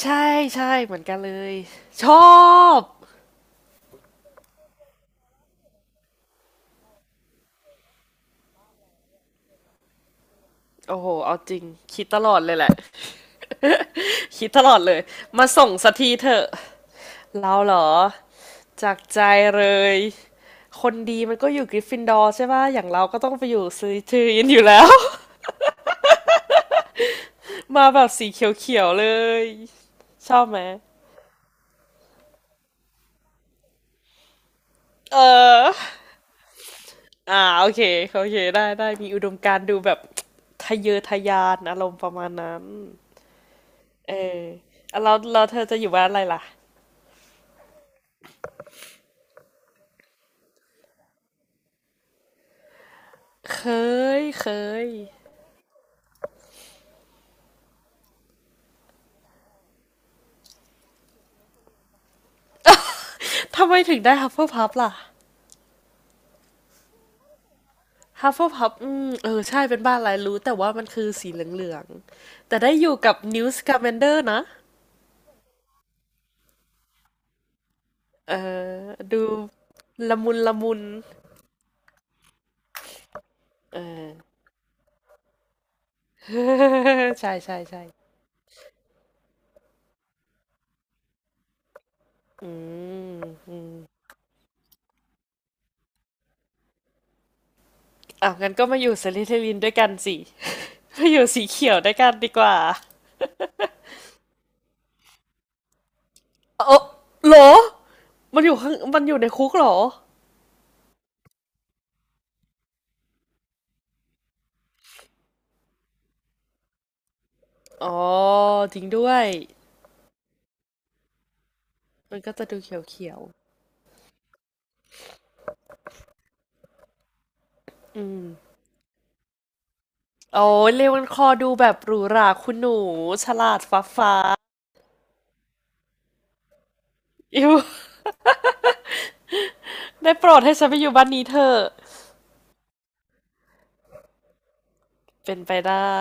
ใช่ใช่เหมือนกันเลยชอบโอ้โหเอาจริงคิดตลอดเลยแหละคิดตลอดเลยมาส่งสักทีเถอะเราเหรอจากใจเลยคนดีมันก็อยู่กริฟฟินดอร์ใช่ป่ะอย่างเราก็ต้องไปอยู่ซื้ธทือินอยู่แล้ว มาแบบสีเขียวๆเลยชอบไหมเออโอเคโอเคได้ได้มีอุดมการณ์ดูแบบทะเยอทะยานอารมณ์ประมาณนั้นเออแล้วเราเธอจะอยู่บ้านอะไรล่ะเคยเคย ทำไมถึงได้ฮัฟเฟิลพับล่ะฮัฟเฟิลพับเออใช่เป็นบ้านลายรู้แต่ว่ามันคือสีเหลืองๆแต่ได้อยู่กับนิวสกาแมนเดอร์นะเออดูละมุนละมุนเออ ใช่ใช่ใช่อืมอ่ะงั้นก็มาอยู่สซริเทลินด้วยกันสิ มาอยู่สีเขียวด้วยกันดีกว่าเออเหรอมันอยู่ข้างมันอยู่ในคุกเหรออ๋อจริงด้วยมันก็จะดูเขียวเขียว โอ้ยเรวันคอดูแบบหรูหราคุณหนูฉลาดฟ้าฟ้าอิว ได้โปรดให้ฉันไปอยู่บ้านนี้เถอะเป็นไปได้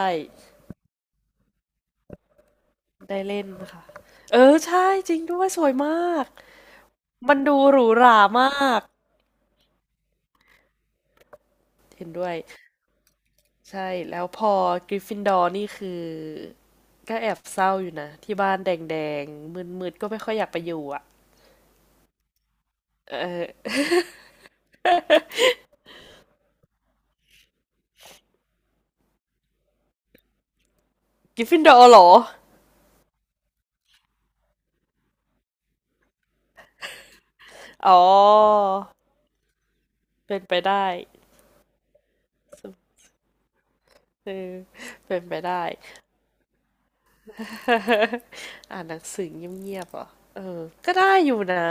ได้เล่นค่ะเออใช่จริงด้วยสวยมากมันดูหรูหรามากเห็นด้วยใช่แล้วพอกริฟฟินดอร์นี่คือก็แอบเศร้าอยู่นะที่บ้านแดงๆมืดๆก็ไม่ค่อยอยากไปอยู่อ่ะเออกริฟฟินดอร์เหรออ๋อเป็นไปได้เออเป็นไปได้ อ่านหนังสือเงียบๆเหรอเออก็ได้อยู่นะ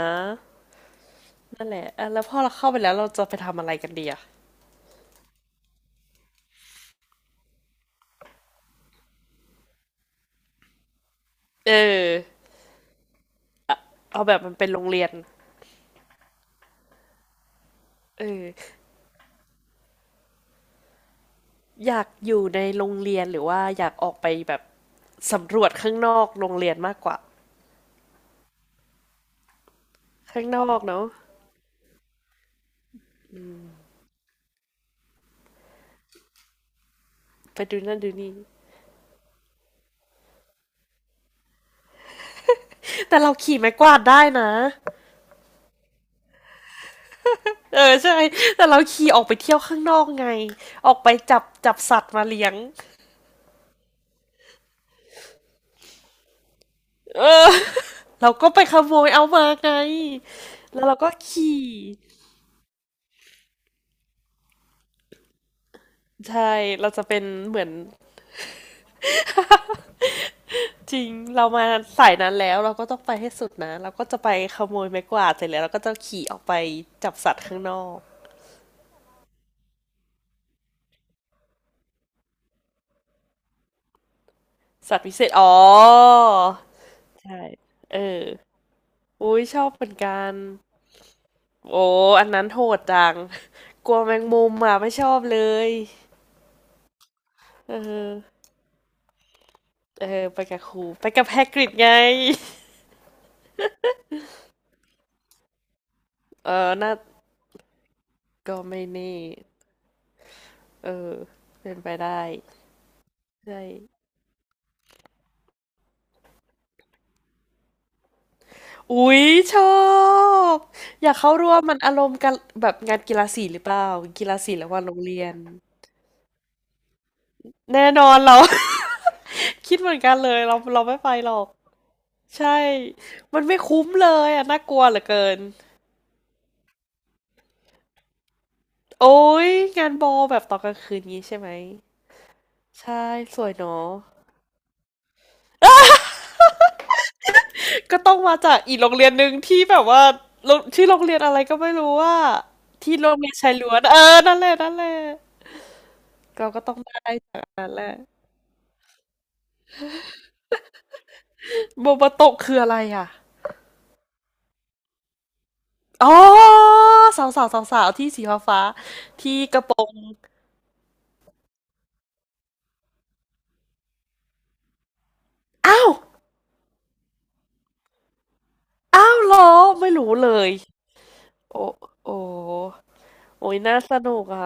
นั่นแหละอ่ะแล้วพอเราเข้าไปแล้วเราจะไปทำอะไรกันดีอะเออเอาแบบมันเป็นโรงเรียนเอออยากอยู่ในโรงเรียนหรือว่าอยากออกไปแบบสำรวจข้างนอกโรงเรียนมากกว่าข้างนอกเนาะไปดูนั่นดูนี่แต่เราขี่ไม้กวาดได้นะเออใช่แต่เราขี่ออกไปเที่ยวข้างนอกไงออกไปจับสัตว์มาเลี้ยงเราก็ไปขโมยเอามาไงแล้วเราก็ขี่ ใช่เราจะเป็นเหมือนจริงเรามาสายนั้นแล้วเราก็ต้องไปให้สุดนะ เราก็จะไปขโมยไม้กวาดเสร็จแล้วเราก็จะขี่ออกไปจับสัตว์ข้างนอกสัตว์พิเศษอ๋อใช่เอออุ้ยชอบเหมือนกันโอ้อันนั้นโหดจังกลัวแมงมุมอ่ะไม่ชอบเลยเออเออไปกับครูไปกับแฮกริดไงเออน่าก็ไม่แน่เออเป็นไปได้ใช่ อุ๊ยชอบอยากเข้าร่วมมันอารมณ์กันแบบงานกีฬาสีหรือเปล่ากีฬาสีระหว่างโรงเรียนแน่นอนเรา คิดเหมือนกันเลยเราไม่ไปหรอกใช่มันไม่คุ้มเลยอ่ะน่ากลัวเหลือเกินโอ๊ยงานบอลแบบตอนกลางคืนงี้ใช่ไหมใช่สวยเนาะก็ต้องมาจากอีกโรงเรียนหนึ่งที่แบบว่าโรงชื่อโรงเรียนอะไรก็ไม่รู้ว่าที่โรงเรียนชายล้วนเออนั่นแหละนั่นแหละเราก็ต้องได้จากอันนั้นแหละโบโบโตะคืออะไรอ่ะ อ๋อสาวสาวสาวสาวๆที่สีฟ้าฟ้าที่กระโปรงอ้าวอ้าวเหรอไม่รู้เลยโอ้โอ้โอ้ยน่าสนุกอ่ะ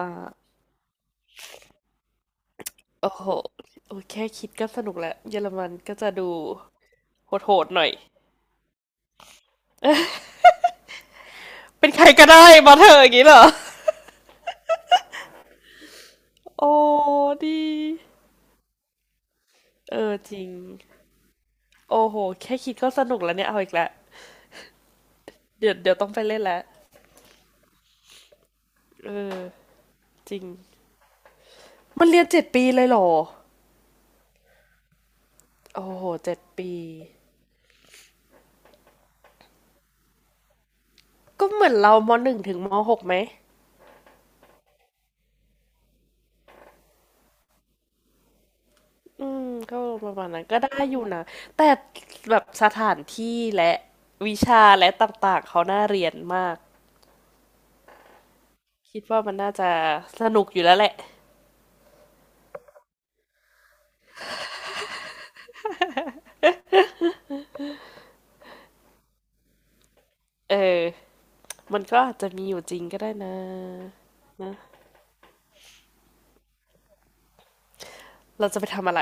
โอ้โหโอ้ยแค่คิดก็สนุกแล้วเยอรมันก็จะดูโหดๆหน่อยเป็นใครก็ได้มาเถอะอย่างนี้เหรอโอ้ดีเออจริงโอ้โหแค่คิดก็สนุกแล้วเนี่ยเอาอีกแล้วเดี๋ยวเดี๋ยวต้องไปเล่นแล้วเออจริงมันเรียนเจ็ดปีเลยเหรอโอ้โหเจ็ดปี ก็เหมือนเรามหนึ่งถึงมหกไหม อืม ก็ประมาณนั้นก็ได้อยู่นะ แต่แบบสถานที่และวิชาและต่างๆ เขาน่าเรียนมาก คิดว่ามันน่าจะสนุกอยู่แล้วแหละ เออ มันก็อาจจะมีอยู่จริงก็ได้นะ เราจะไปทำอะไร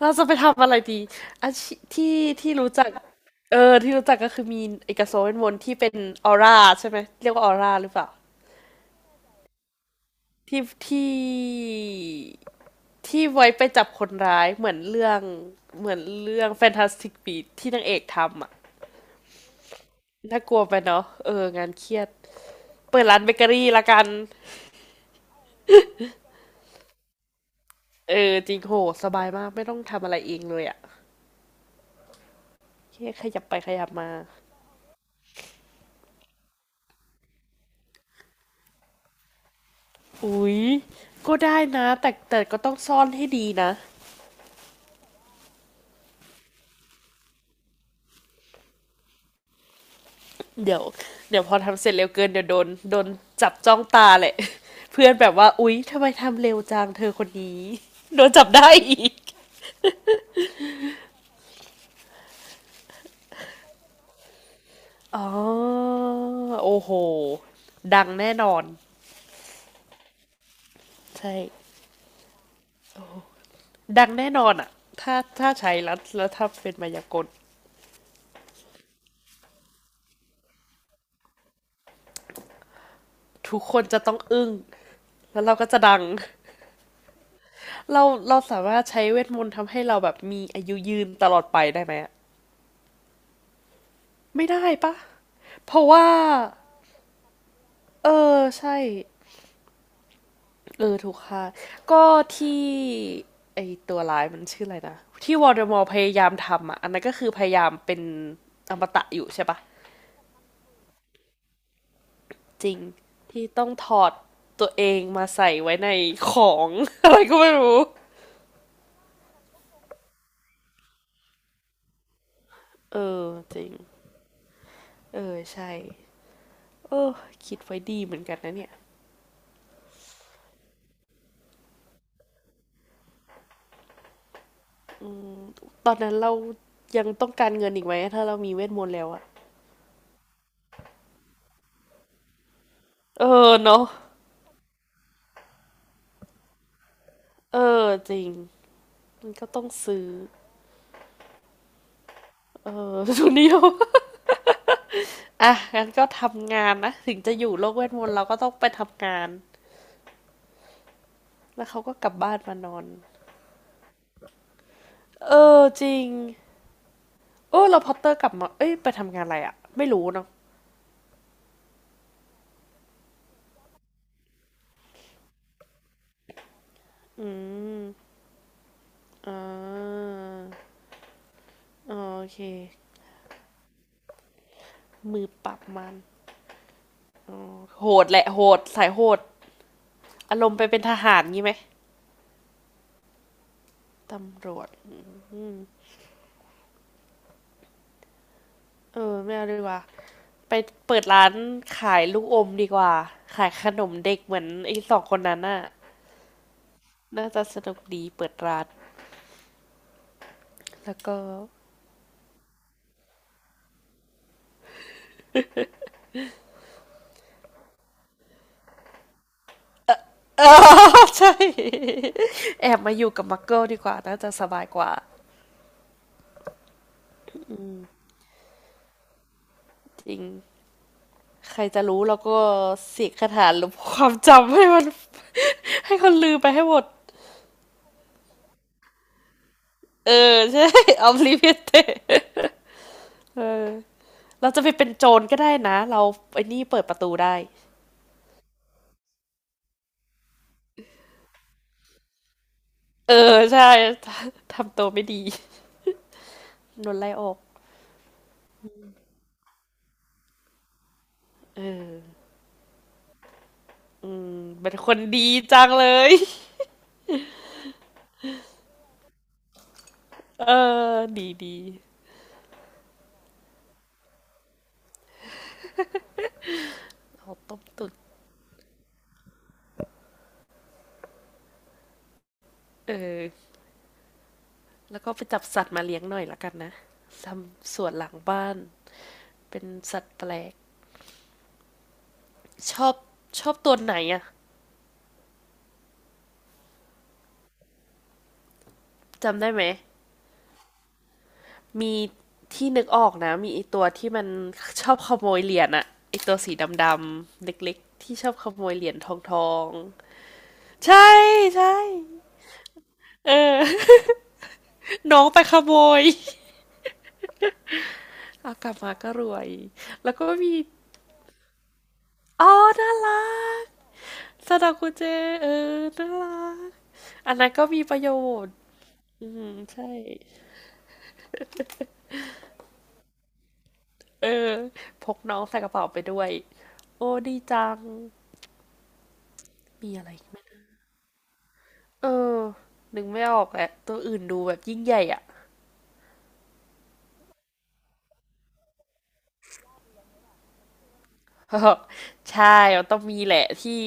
เราจะไปทำอะไรดีอาชีที่รู้จัก เออ ที่รู้จักก็คือมีเอกโซเวนวนที่เป็นออร่าใช่ไหม เรียกว่าออร่าหรือเปล่า ที่ที่ ที่ไว้ไปจับคนร้ายเหมือนเรื่อง Fantastic Beasts ที่นางเอกทำอ่ะน่ากลัวไปเนาะเอองานเครียดเปิดร้านเบเกอรี่ละกันเออจริงโหสบายมากไม่ต้องทำอะไรเองเลยอ่ะโอเคขยับไปขยับมาอุ๊ยก็ได้นะแต่ก็ต้องซ่อนให้ดีนะเดี๋ยวเดี๋ยวพอทำเสร็จเร็วเกินเดี๋ยวโดนจับจ้องตาแหละ เพื่อนแบบว่าอุ๊ยทำไมทำเร็วจังเธอคนนี้โดนจับได้อีก อ๋อโอ้โหดังแน่นอนใช่ดังแน่นอนอ่ะถ้าใช้แล้วถ้าเป็นมายากลทุกคนจะต้องอึ้งแล้วเราก็จะดังเราเราสามารถใช้เวทมนต์ทำให้เราแบบมีอายุยืนตลอดไปได้ไหมอะไม่ได้ปะเพราะว่าเออใช่เออถูกค่ะก็ที่ไอตัวร้ายมันชื่ออะไรนะที่วอลเดอมอร์พยายามทำอ่ะอันนั้นก็คือพยายามเป็นอมตะอยู่ใช่ปะ จริงที่ต้องถอดตัวเองมาใส่ไว้ในของ อะไรก็ไม่รู้ เออจริงเออใช่เออคิดไว้ดีเหมือนกันนะเนี่ยตอนนั้นเรายังต้องการเงินอีกไหมถ้าเรามีเวทมนต์แล้วอะเออเนาะเออจริงมันก็ต้องซื้อเออ ทุนเดียวอ่ะงั้นก็ทำงานนะถึงจะอยู่โลกเวทมนต์เราก็ต้องไปทำงาน แล้วเขาก็กลับบ้านมานอน เออจริงเออเราพอตเตอร์กลับมาเอ้ยไปทำงานอะไรอะไม่รู้เนาะ อืมอ่าอ๋อโอเค มือปรับมันโหดแหละโหดสายโหดอารมณ์ไปเป็นทหารงี้ไหมตำรวจเออไม่เอาดีกว่าไปเปิดร้านขายลูกอมดีกว่า ขายขนมเด็กเหมือนไอ้สองคนนั้นน่ะน่าจะสนุกดีเปิดร้าน แล้วก็ เออใช่แอบมาอยู่กับมักเกิลดีกว่าน่าจะสบายกว่าจริงใครจะรู้แล้วก็เสกคาถาลบความจำให้มัน ให้คนลืมไปให้หมด เออใช่ออฟลิเวียเตเออเราจะไปเป็นโจรก็ได้นะเราไอ้นี่เปิดประตูได้เออใช่ทำตัวไม่ดีโดนไล่ออกเอออืมเป็นคนดีจังเลยเออดีเอาต้มตุ๋นเออแล้วก็ไปจับสัตว์มาเลี้ยงหน่อยละกันนะทำสวนหลังบ้านเป็นสัตว์แปลกชอบชอบตัวไหนอะจำได้ไหม มีที่นึกออกนะมีไอตัวที่มันชอบขโมยเหรียญอะไอตัวสีดำๆเล็กๆที่ชอบขโมยเหรียญทองๆใช่ใช่เออ น้องไปขโมยเอากลับมาก็รวยแล้วก็มีอ๋อน่ารักซาดาคุเจเออน่ารักอันนั้นก็มีประโยชน์อืมใช่เออพกน้องใส่กระเป๋าไปด้วยโอ้ดีจังมีอะไรอีกไหม เออนึกไม่ออกแหละตัวอื่นดูแบบยิ่งใหญ่อ่ะ ใช่มันต้องมีแหละที่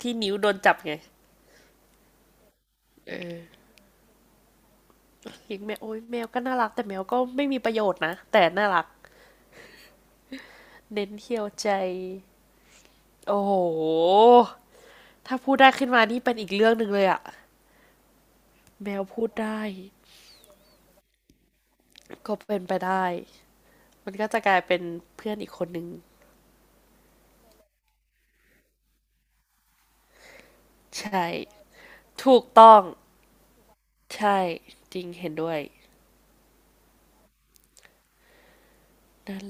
ที่นิ้วโดนจับไงเออีงแมวโอ้ยแมวก็น่ารักแต่แมวก็ไม่มีประโยชน์นะแต่น่ารักเน้นเที่ยวใจโอ้โหถ้าพูดได้ขึ้นมานี่เป็นอีกเรื่องหนึ่งเลยอะแมวพูดได้ก็เป็นไปได้มันก็จะกลายเป็นเพื่อนอีกคนหนึ่งใช่ถูกต้องใช่จริงเห็นด้วยนั่น